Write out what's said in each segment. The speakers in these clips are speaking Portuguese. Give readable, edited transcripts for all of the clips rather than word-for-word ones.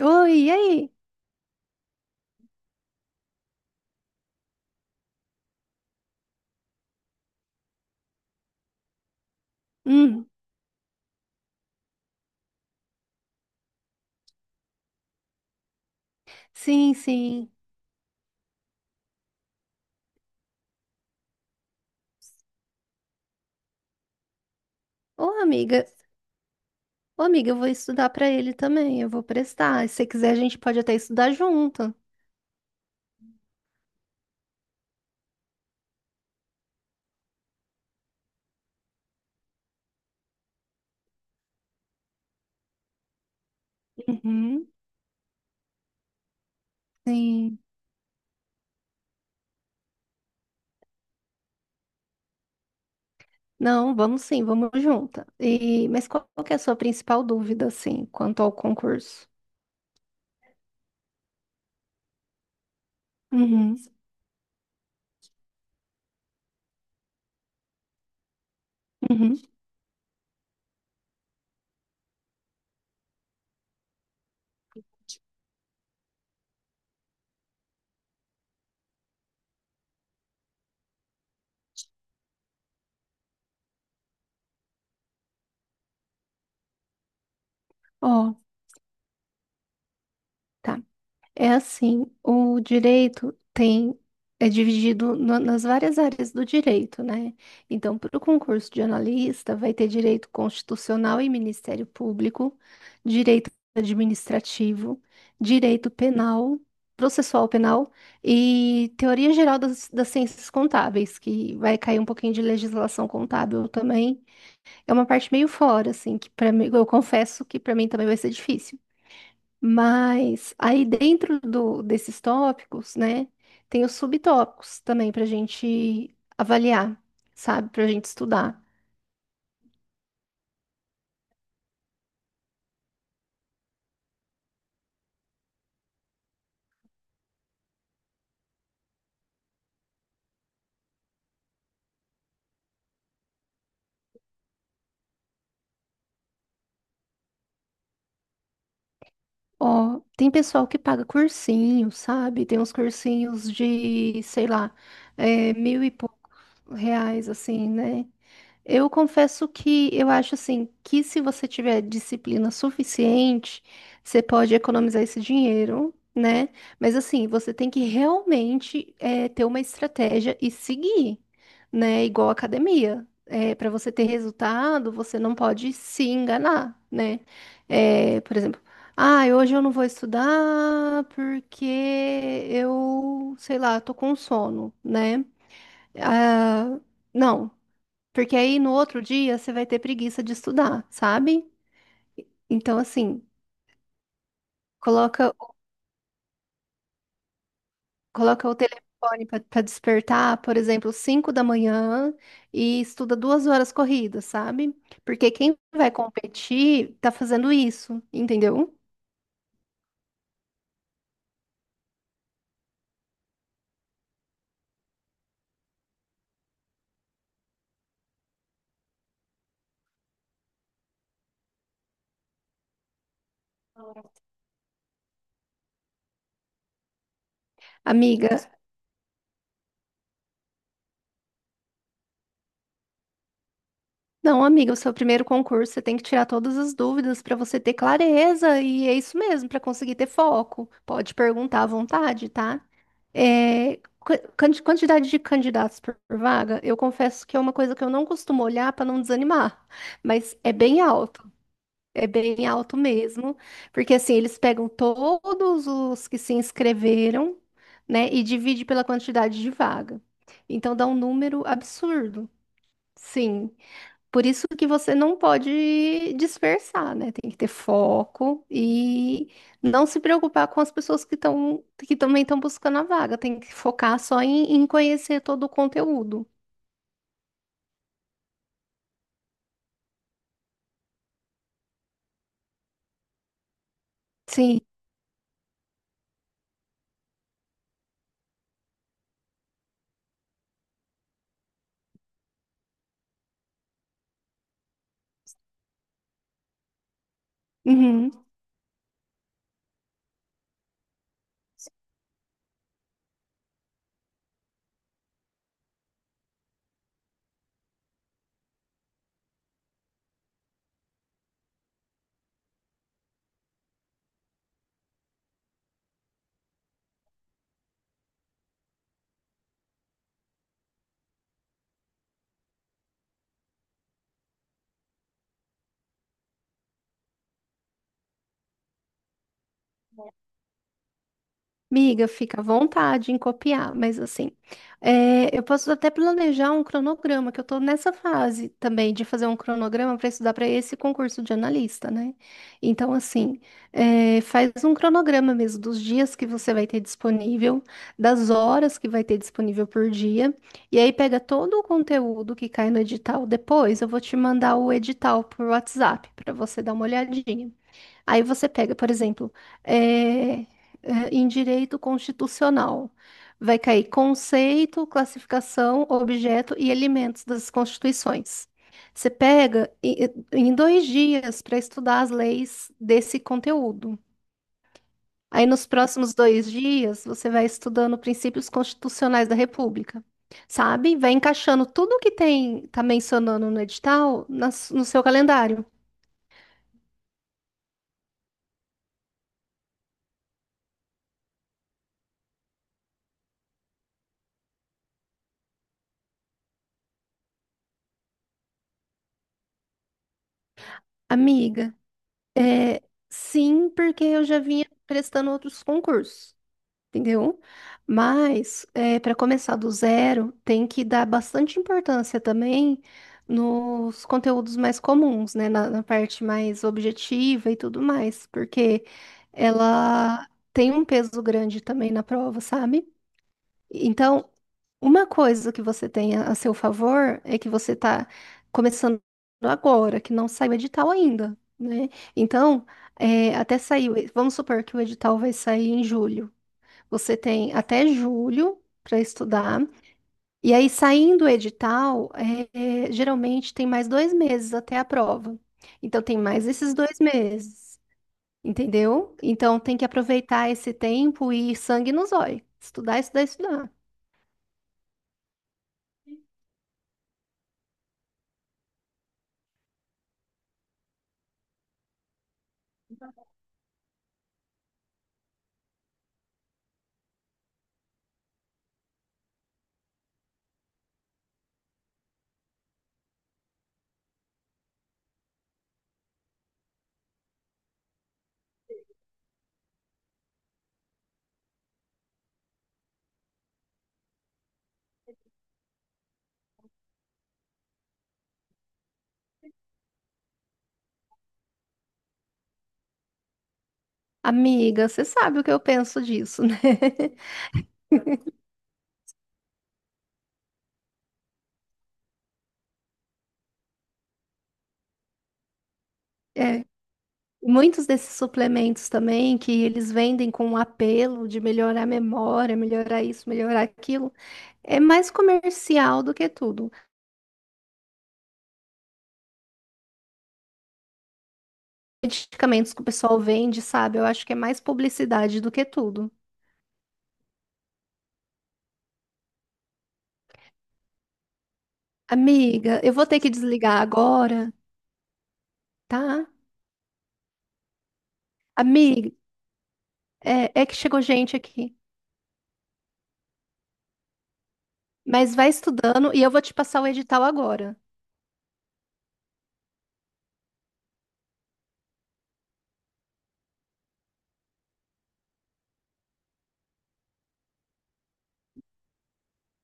Oi, e aí? Hum, sim, sim. Ô, amiga, ô, amiga, eu vou estudar pra ele também, eu vou prestar. Se você quiser, a gente pode até estudar junto. Uhum, sim. Não, vamos sim, vamos junta. E, mas qual que é a sua principal dúvida, assim, quanto ao concurso? Uhum, uhum. Ó, tá. É assim, o direito tem é dividido nas várias áreas do direito, né? Então, para o concurso de analista, vai ter direito constitucional e Ministério Público, direito administrativo, direito penal, processual penal e teoria geral das ciências contábeis, que vai cair um pouquinho de legislação contábil também. É uma parte meio fora, assim, que para mim, eu confesso que para mim também vai ser difícil. Mas aí dentro desses tópicos, né, tem os subtópicos também para a gente avaliar, sabe, para a gente estudar. Ó, tem pessoal que paga cursinho, sabe? Tem uns cursinhos de, sei lá, é, mil e poucos reais, assim, né? Eu confesso que eu acho assim que se você tiver disciplina suficiente, você pode economizar esse dinheiro, né? Mas assim, você tem que realmente ter uma estratégia e seguir, né? Igual a academia. Para você ter resultado, você não pode se enganar, né? Por exemplo, ah, hoje eu não vou estudar porque eu, sei lá, tô com sono, né? Ah, não. Porque aí no outro dia você vai ter preguiça de estudar, sabe? Então, assim, coloca, coloca o telefone para despertar, por exemplo, 5 da manhã e estuda 2 horas corridas, sabe? Porque quem vai competir tá fazendo isso, entendeu? Amiga, não, amiga, o seu primeiro concurso, você tem que tirar todas as dúvidas para você ter clareza, e é isso mesmo, para conseguir ter foco. Pode perguntar à vontade, tá? É, quantidade de candidatos por vaga, eu confesso que é uma coisa que eu não costumo olhar para não desanimar, mas é bem alto mesmo, porque assim, eles pegam todos os que se inscreveram, né, e divide pela quantidade de vaga. Então dá um número absurdo. Sim. Por isso que você não pode dispersar, né? Tem que ter foco e não se preocupar com as pessoas que também estão buscando a vaga. Tem que focar só em conhecer todo o conteúdo. Sim. Uhum. Miga, fica à vontade em copiar, mas assim, é, eu posso até planejar um cronograma, que eu tô nessa fase também de fazer um cronograma para estudar para esse concurso de analista, né? Então, assim, é, faz um cronograma mesmo dos dias que você vai ter disponível, das horas que vai ter disponível por dia, e aí pega todo o conteúdo que cai no edital. Depois eu vou te mandar o edital por WhatsApp para você dar uma olhadinha. Aí você pega, por exemplo, eh, em direito constitucional, vai cair conceito, classificação, objeto e elementos das constituições. Você pega em 2 dias para estudar as leis desse conteúdo. Aí, nos próximos 2 dias, você vai estudando princípios constitucionais da República, sabe? Vai encaixando tudo o que tem, tá mencionando no edital no seu calendário. Amiga. É, sim, porque eu já vinha prestando outros concursos, entendeu? Mas, para começar do zero, tem que dar bastante importância também nos conteúdos mais comuns, né? Na, na parte mais objetiva e tudo mais, porque ela tem um peso grande também na prova, sabe? Então, uma coisa que você tem a seu favor é que você está começando agora, que não saiu o edital ainda, né? Então, é, até sair, o vamos supor que o edital vai sair em julho. Você tem até julho para estudar, e aí saindo o edital, é, é, geralmente tem mais 2 meses até a prova. Então, tem mais esses 2 meses, entendeu? Então, tem que aproveitar esse tempo e sangue nos olhos, estudar, estudar, estudar. Amiga, você sabe o que eu penso disso, né? É, muitos desses suplementos também que eles vendem com um apelo de melhorar a memória, melhorar isso, melhorar aquilo, é mais comercial do que tudo. Medicamentos que o pessoal vende, sabe? Eu acho que é mais publicidade do que tudo. Amiga, eu vou ter que desligar agora, tá? Amiga, é, é que chegou gente aqui. Mas vai estudando e eu vou te passar o edital agora.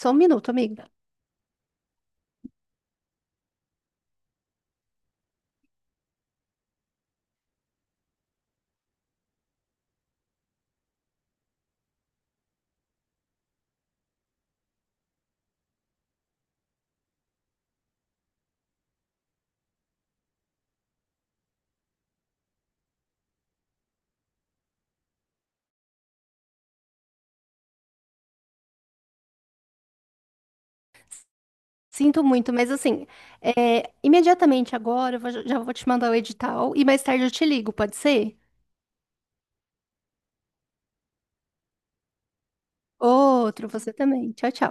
Só um minuto, amiga. Sinto muito, mas assim, é, imediatamente agora já vou te mandar o edital e mais tarde eu te ligo, pode ser? Outro, você também. Tchau, tchau.